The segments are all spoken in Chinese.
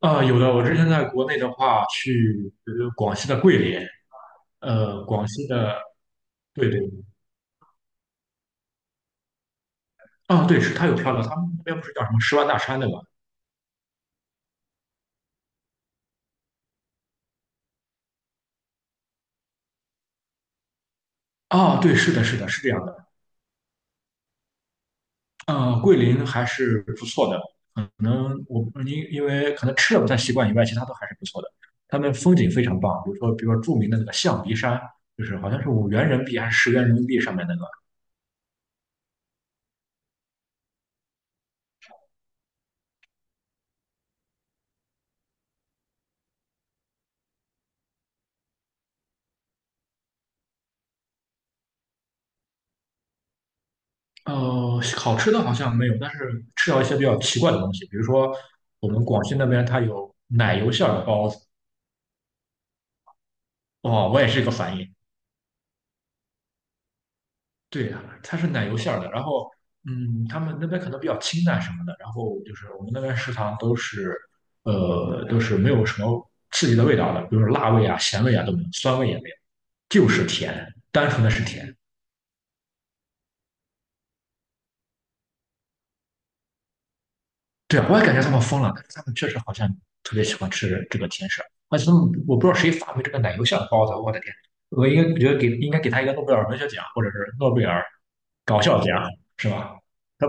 啊、有的。我之前在国内的话，去广西的桂林，呃，广西的，对对。啊，对，是它有沙乐，他们那边不是叫什么十万大山对吗？啊，对，是的，是的，是这样的。呃，桂林还是不错的，可能我因为可能吃的不太习惯以外，其他都还是不错的。他们风景非常棒，比如说，比如说著名的那个象鼻山，就是好像是5元人民币还是10元人民币上面那个。呃，好吃的好像没有，但是吃到一些比较奇怪的东西，比如说我们广西那边它有奶油馅儿的包子。哦，我也是一个反应。对呀，它是奶油馅儿的，然后他们那边可能比较清淡什么的，然后就是我们那边食堂都是都是没有什么刺激的味道的，比如说辣味啊、咸味啊都没有，酸味也没有，就是甜，单纯的是甜。对，我也感觉他们疯了，但是他们确实好像特别喜欢吃这个甜食，而且他们我不知道谁发明这个奶油馅的包子。我的天，我应该觉得给应该给他一个诺贝尔文学奖或者是诺贝尔搞笑奖，是吧？他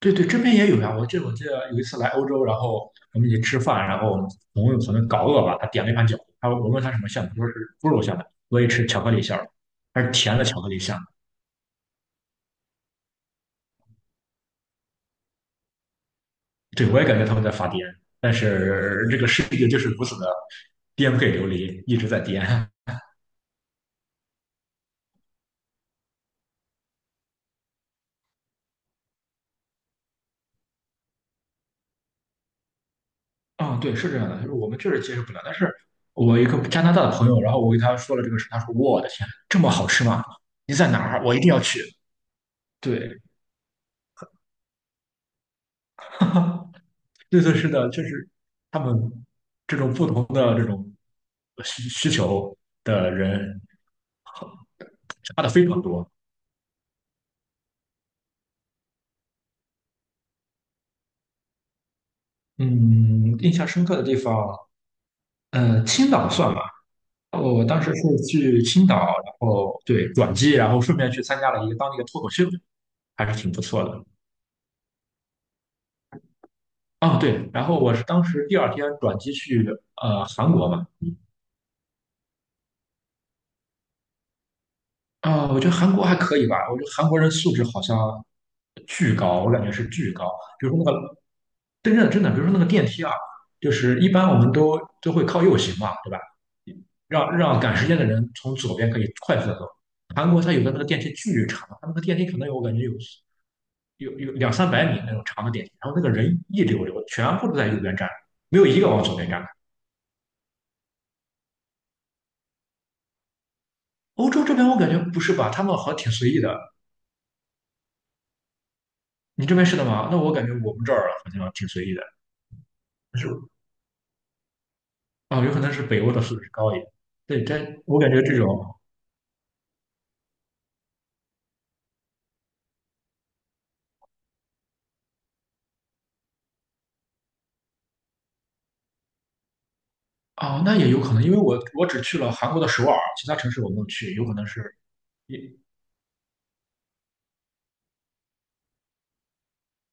对对，这边也有呀，我记得有一次来欧洲，然后我们一起吃饭，然后我们朋友可能搞饿吧，他点了一盘饺子，他我问他什么馅的他说是猪肉馅的，我也吃巧克力馅儿，还是甜的巧克力馅。对，我也感觉他们在发癫，但是这个世界就是如此的颠沛流离，一直在颠。啊、对，是这样的，就是我们确实接受不了。但是我一个加拿大的朋友，然后我给他说了这个事，他说：“我的天，这么好吃吗？你在哪儿？我一定要去。”对，对对，是的，就是他们这种不同的需求的人差的非常多。嗯，印象深刻的地方，呃，青岛算吗？我当时是去青岛，然后对转机，然后顺便去参加了一个当地的脱口秀，还是挺不错的。啊，对，然后我是当时第二天转机去韩国嘛。啊，我觉得韩国还可以吧，我觉得韩国人素质好像巨高，我感觉是巨高。比如说那个，真的真的，比如说那个电梯啊，就是一般我们都会靠右行嘛，对吧？让赶时间的人从左边可以快速的走。韩国它有的那个电梯巨长，它那个电梯可能有我感觉有两三百米那种长的电梯，然后那个人一溜溜，全部都在右边站，没有一个往左边站。欧洲这边我感觉不是吧，他们好像挺随意的。你这边是的吗？那我感觉我们这儿好像挺随意的。但是啊、有可能是北欧的素质高一点。对，但我感觉这种啊、那也有可能，因为我只去了韩国的首尔，其他城市我没有去，有可能是。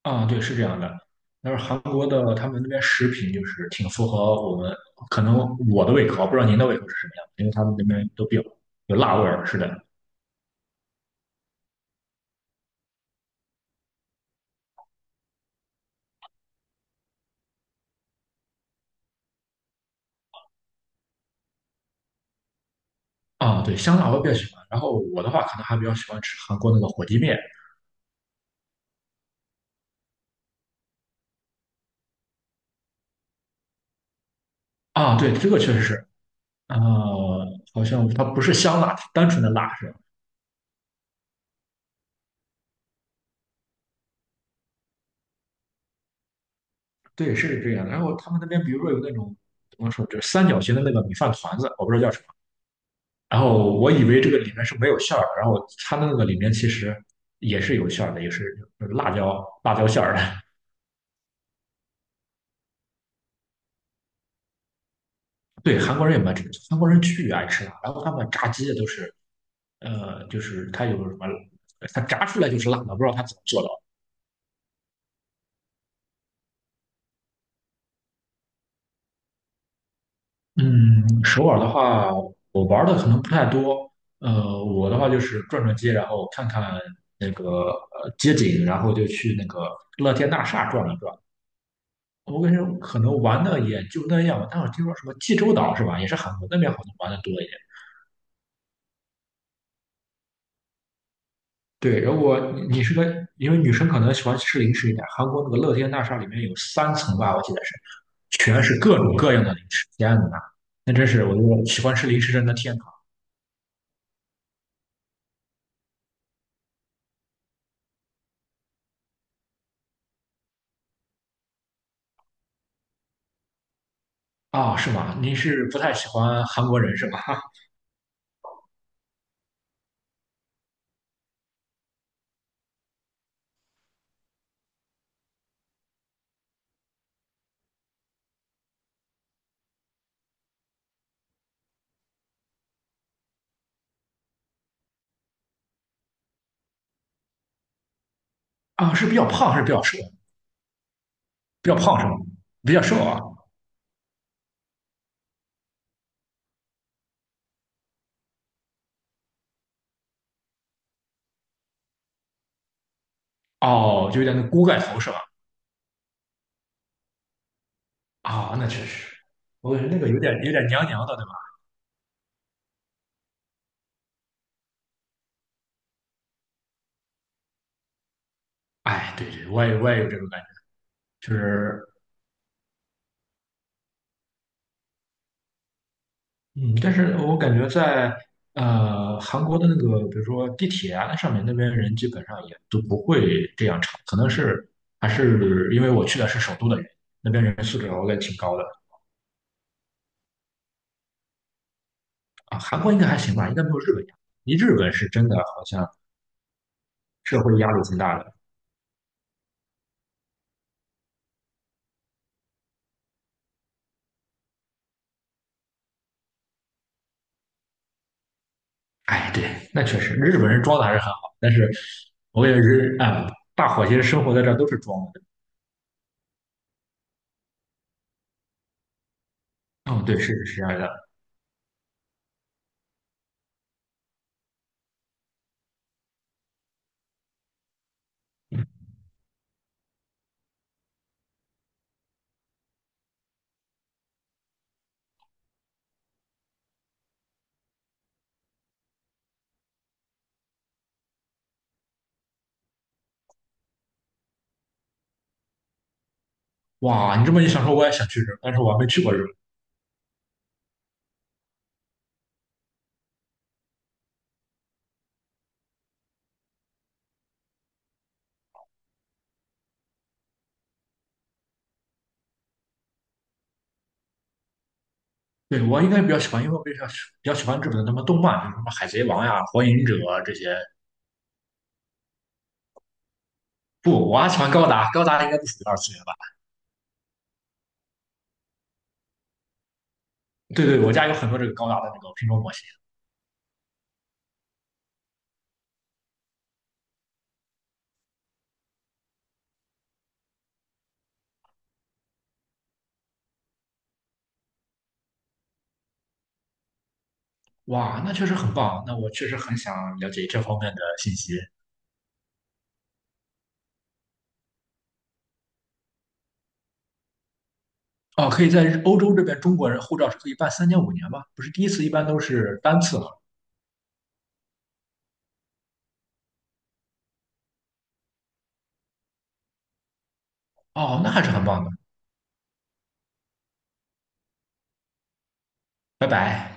啊，对，是这样的。但是韩国的他们那边食品就是挺符合我们，可能我的胃口，不知道您的胃口是什么样的，因为他们那边都比较有辣味儿，是的。啊，对，香辣我比较喜欢。然后我的话，可能还比较喜欢吃韩国那个火鸡面。啊，对，这个确实是。啊、好像它不是香辣，单纯的辣是吧？对，是这样的。然后他们那边，比如说有那种怎么说，就是三角形的那个米饭团子，我不知道叫什么。然后我以为这个里面是没有馅儿的，然后它的那个里面其实也是有馅儿的，也是那个辣椒馅儿的。对，韩国人也蛮吃，韩国人巨爱吃辣，然后他们炸鸡都是。呃，就是它有什么，它炸出来就是辣的，不知道它怎么做到。嗯，首尔的话，我玩的可能不太多。呃，我的话就是转转街，然后看看那个街景，然后就去那个乐天大厦转一转。我跟你说，可能玩的也就那样吧。但我听说什么济州岛是吧，也是韩国那边好像玩的多一点。对，如果你你是个，因为女生可能喜欢吃零食一点，韩国那个乐天大厦里面有3层吧，我记得是，全是各种各样的零食。天哪，那真是我就喜欢吃零食人的天堂啊。是吗？您是不太喜欢韩国人是吧？啊，是比较胖，还是比较瘦，比较胖是吗？比较瘦啊？哦，就有点那锅盖头是吧？啊，那确实，我感觉那个有点娘娘的。哎，对对，我也有这种感觉，就是。嗯，但是我感觉在韩国的那个，比如说地铁啊，那上面那边人基本上也都不会这样吵，可能是还是因为我去的是首都的原因，那边人素质我感觉挺高的。啊，韩国应该还行吧，应该没有日本压力，日本是真的好像社会压力挺大的。哎，对，那确实，日本人装的还是很好，但是我也是啊，大伙其实生活在这儿都是装的。嗯，对，是这样的。哇，你这么一想说，我也想去日本，但是我还没去过日本。对，我应该比较喜欢，因为我比较喜比较喜欢日本的什么动漫，比如什么《海贼王》呀、《火影忍者》这些。不，我还喜欢高达，高达应该不属于二次元吧？对对，我家有很多这个高达的那个拼装模型。哇，那确实很棒，那我确实很想了解这方面的信息。哦，可以在日欧洲这边，中国人护照是可以办3年、5年吗？不是第一次一般都是单次吗？哦，那还是很棒的。拜拜。